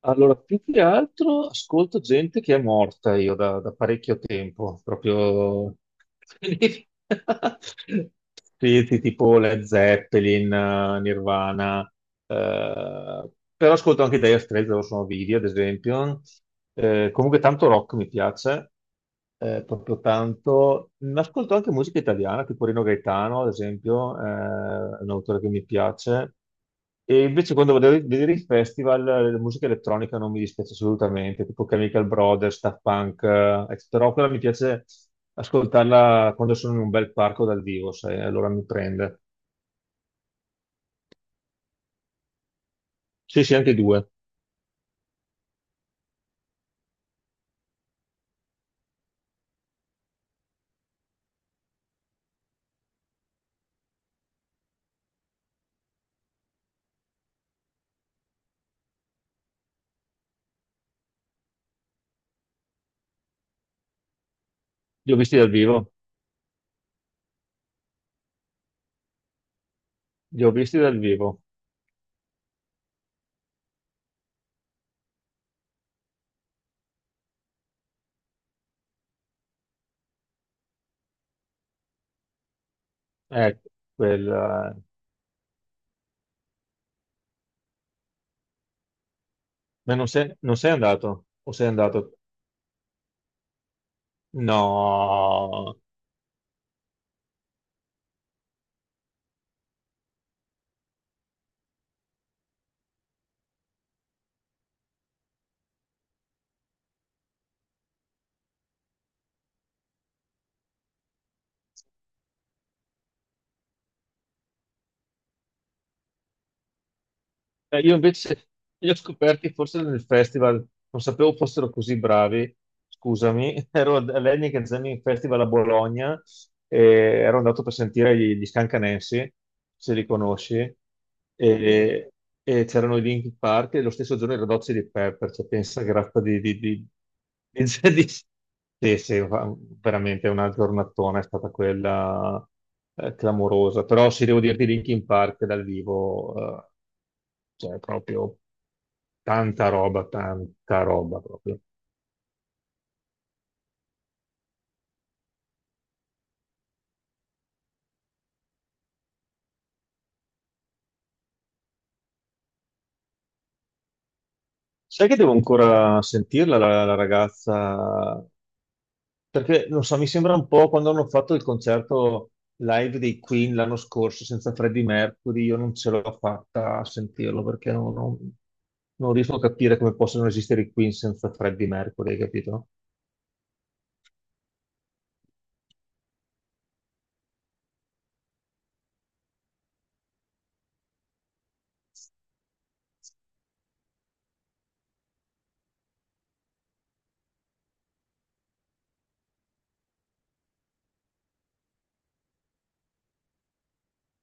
Allora, più che altro ascolto gente che è morta io da parecchio tempo, proprio. Sì, sì, tipo Led Zeppelin, Nirvana, eh, però ascolto anche Dire Straits, loro sono vivi, ad esempio. Comunque tanto rock mi piace, proprio tanto. Ma ascolto anche musica italiana, tipo Rino Gaetano, ad esempio, è un autore che mi piace. E invece quando vado a vedere i festival, la musica elettronica non mi dispiace assolutamente, tipo Chemical Brothers, Daft Punk, eccetera. Però quella mi piace ascoltarla quando sono in un bel parco dal vivo, sai, allora mi prende. Sì, sì, anche i due. Li ho visti dal vivo, li ho visti dal vivo. Ecco, ma non sei andato? O sei andato? No! Io invece li ho scoperti forse nel festival, non sapevo fossero così bravi, scusami. Ero all'Heineken Jamming Festival a Bologna e ero andato per sentire gli Scancanensi, se li conosci, e, e c'erano i Linkin Park e lo stesso giorno i Red Hot Chili Peppers, cioè, pensa che razza di- di- Sì, sì, veramente una giornatona è stata quella, clamorosa, però sì, devo dirti Linkin Park dal vivo, eh, cioè, proprio tanta roba proprio. Sai che devo ancora sentirla la ragazza? Perché non so, mi sembra un po' quando hanno fatto il concerto live dei Queen l'anno scorso senza Freddie Mercury, io non ce l'ho fatta a sentirlo perché non riesco a capire come possono esistere i Queen senza Freddie Mercury, hai capito?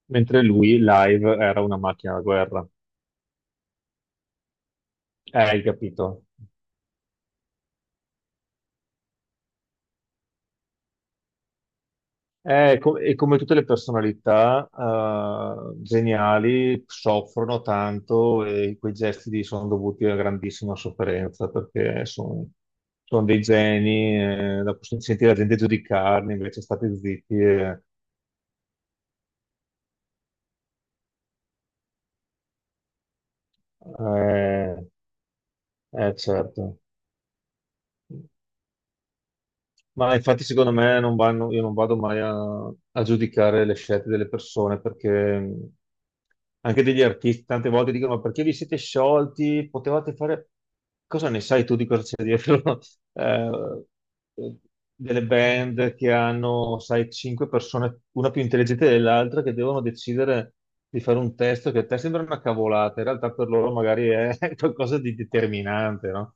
Mentre lui live era una macchina da guerra. Hai capito? E come tutte le personalità, geniali, soffrono tanto e quei gesti lì sono dovuti a grandissima sofferenza perché sono dei geni, la possono sentire la gente giudicarli, invece state zitti. Eh, certo. Ma infatti secondo me non vanno, io non vado mai a giudicare le scelte delle persone, perché, mh, anche degli artisti, tante volte dicono ma perché vi siete sciolti? Potevate fare. Cosa ne sai tu di cosa c'è dietro? eh, Delle band che hanno, sai, cinque persone, una più intelligente dell'altra, che devono decidere di fare un testo che a te sembra una cavolata, in realtà per loro magari è qualcosa di determinante, no?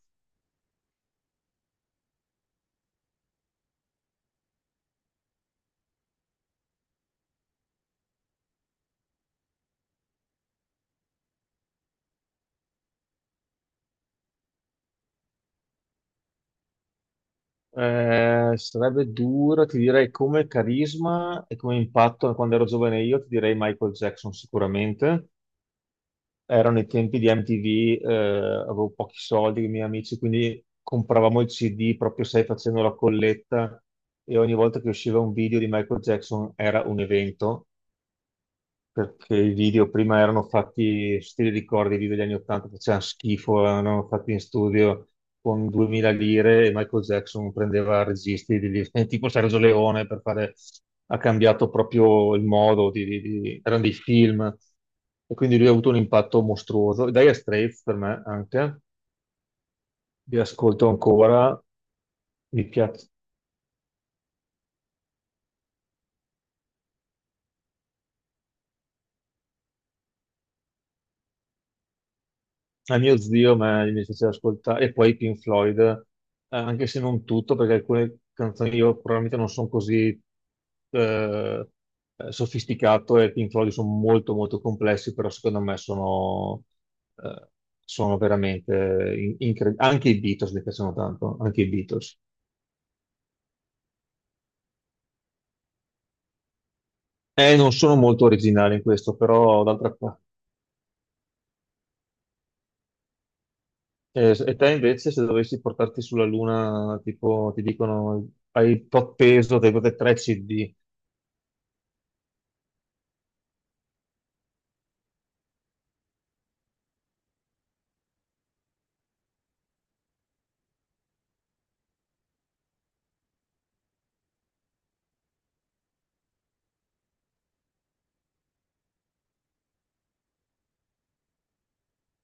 Sarebbe dura, ti direi come carisma e come impatto quando ero giovane io, ti direi Michael Jackson sicuramente. Erano i tempi di MTV, avevo pochi soldi con i miei amici, quindi compravamo il CD proprio, sai, facendo la colletta, e ogni volta che usciva un video di Michael Jackson era un evento, perché i video prima erano fatti, se ti ricordi, i video degli anni 80 facevano schifo, erano fatti in studio con 2000 lire, e Michael Jackson prendeva registi tipo Sergio Leone per fare, ha cambiato proprio il modo. Erano dei film, e quindi lui ha avuto un impatto mostruoso. E Dire Straits per me anche, li ascolto ancora, mi piace. A mio zio mi piaceva ascoltare, e poi Pink Floyd, anche se non tutto, perché alcune canzoni io probabilmente non sono così eh, sofisticato, e Pink Floyd sono molto molto complessi, però secondo me eh, sono veramente incredibili. Anche i Beatles mi piacciono tanto, anche i Beatles. Non sono molto originale in questo, però d'altra parte. E te invece, se dovessi portarti sulla Luna, tipo, ti dicono hai tot peso dei tre CD.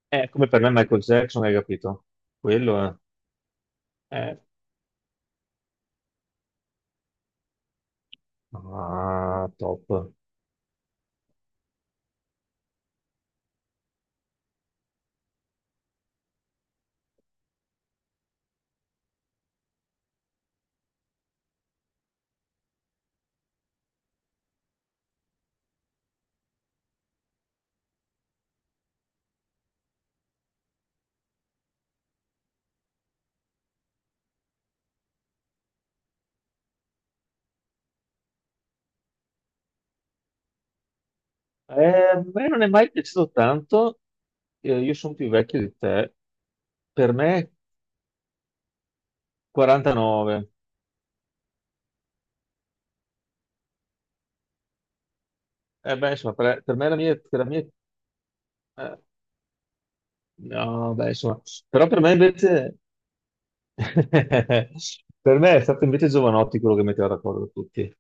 È come per me Michael Jackson, hai capito? Quello è. Ah, top. A me non è mai piaciuto tanto. Io sono più vecchio di te, per me 49. Beh, insomma, per me la mia... per la mia- eh, no, beh, insomma, però per me invece. Per me è stato invece Giovanotti quello che metteva d'accordo tutti.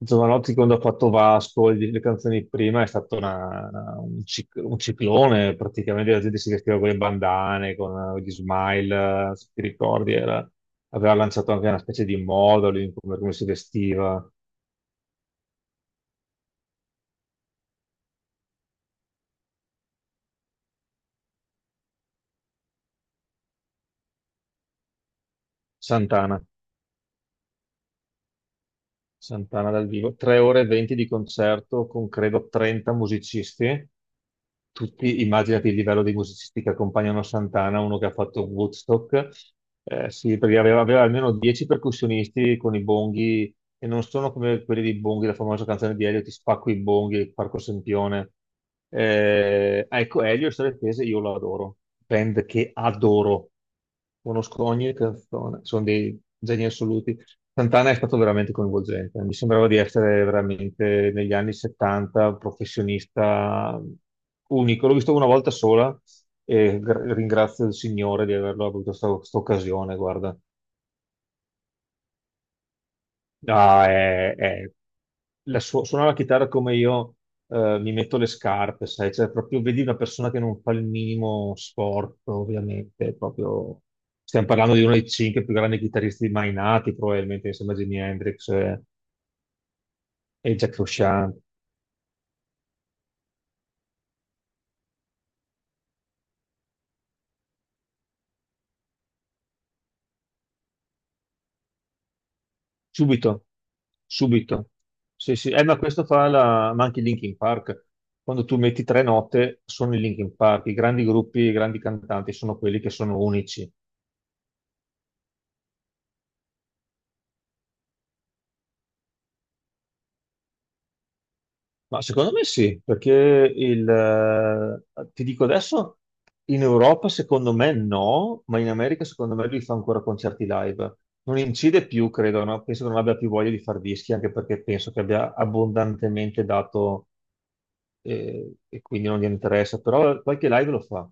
Giovanotti quando ha fatto Vasco, le canzoni prima, è stato un ciclone, praticamente la gente si vestiva con le bandane, con gli smile, se ti ricordi, aveva lanciato anche una specie di moda lui, in come si vestiva. Santana. Santana dal vivo, 3 ore e 20 di concerto con credo 30 musicisti. Tutti, immaginati il livello di musicisti che accompagnano Santana, uno che ha fatto Woodstock. Sì, perché aveva almeno 10 percussionisti con i bonghi, e non sono come quelli di Bonghi, la famosa canzone di Elio, Ti spacco i bonghi, Parco Sempione. Ecco, Elio e Storie Tese io lo adoro, band che adoro, conosco ogni canzone, sono dei geni assoluti. Santana è stato veramente coinvolgente, mi sembrava di essere veramente negli anni 70, un professionista unico, l'ho visto una volta sola e ringrazio il Signore di averlo avuto questa occasione, guarda. Ah, suona la chitarra come io mi metto le scarpe, sai, cioè proprio vedi una persona che non fa il minimo sport, ovviamente, proprio. Stiamo parlando di uno dei cinque più grandi chitarristi mai nati, probabilmente, insieme a Jimi Hendrix e Jack Frusciante. Subito, subito. Sì, sì. Ma anche i Linkin Park. Quando tu metti tre note, sono i Linkin Park. I grandi gruppi, i grandi cantanti sono quelli che sono unici. Ma secondo me sì, perché il, ti dico adesso, in Europa secondo me no, ma in America secondo me lui fa ancora concerti live. Non incide più, credo, no? Penso che non abbia più voglia di fare dischi, anche perché penso che abbia abbondantemente dato, e quindi non gli interessa, però qualche live lo fa.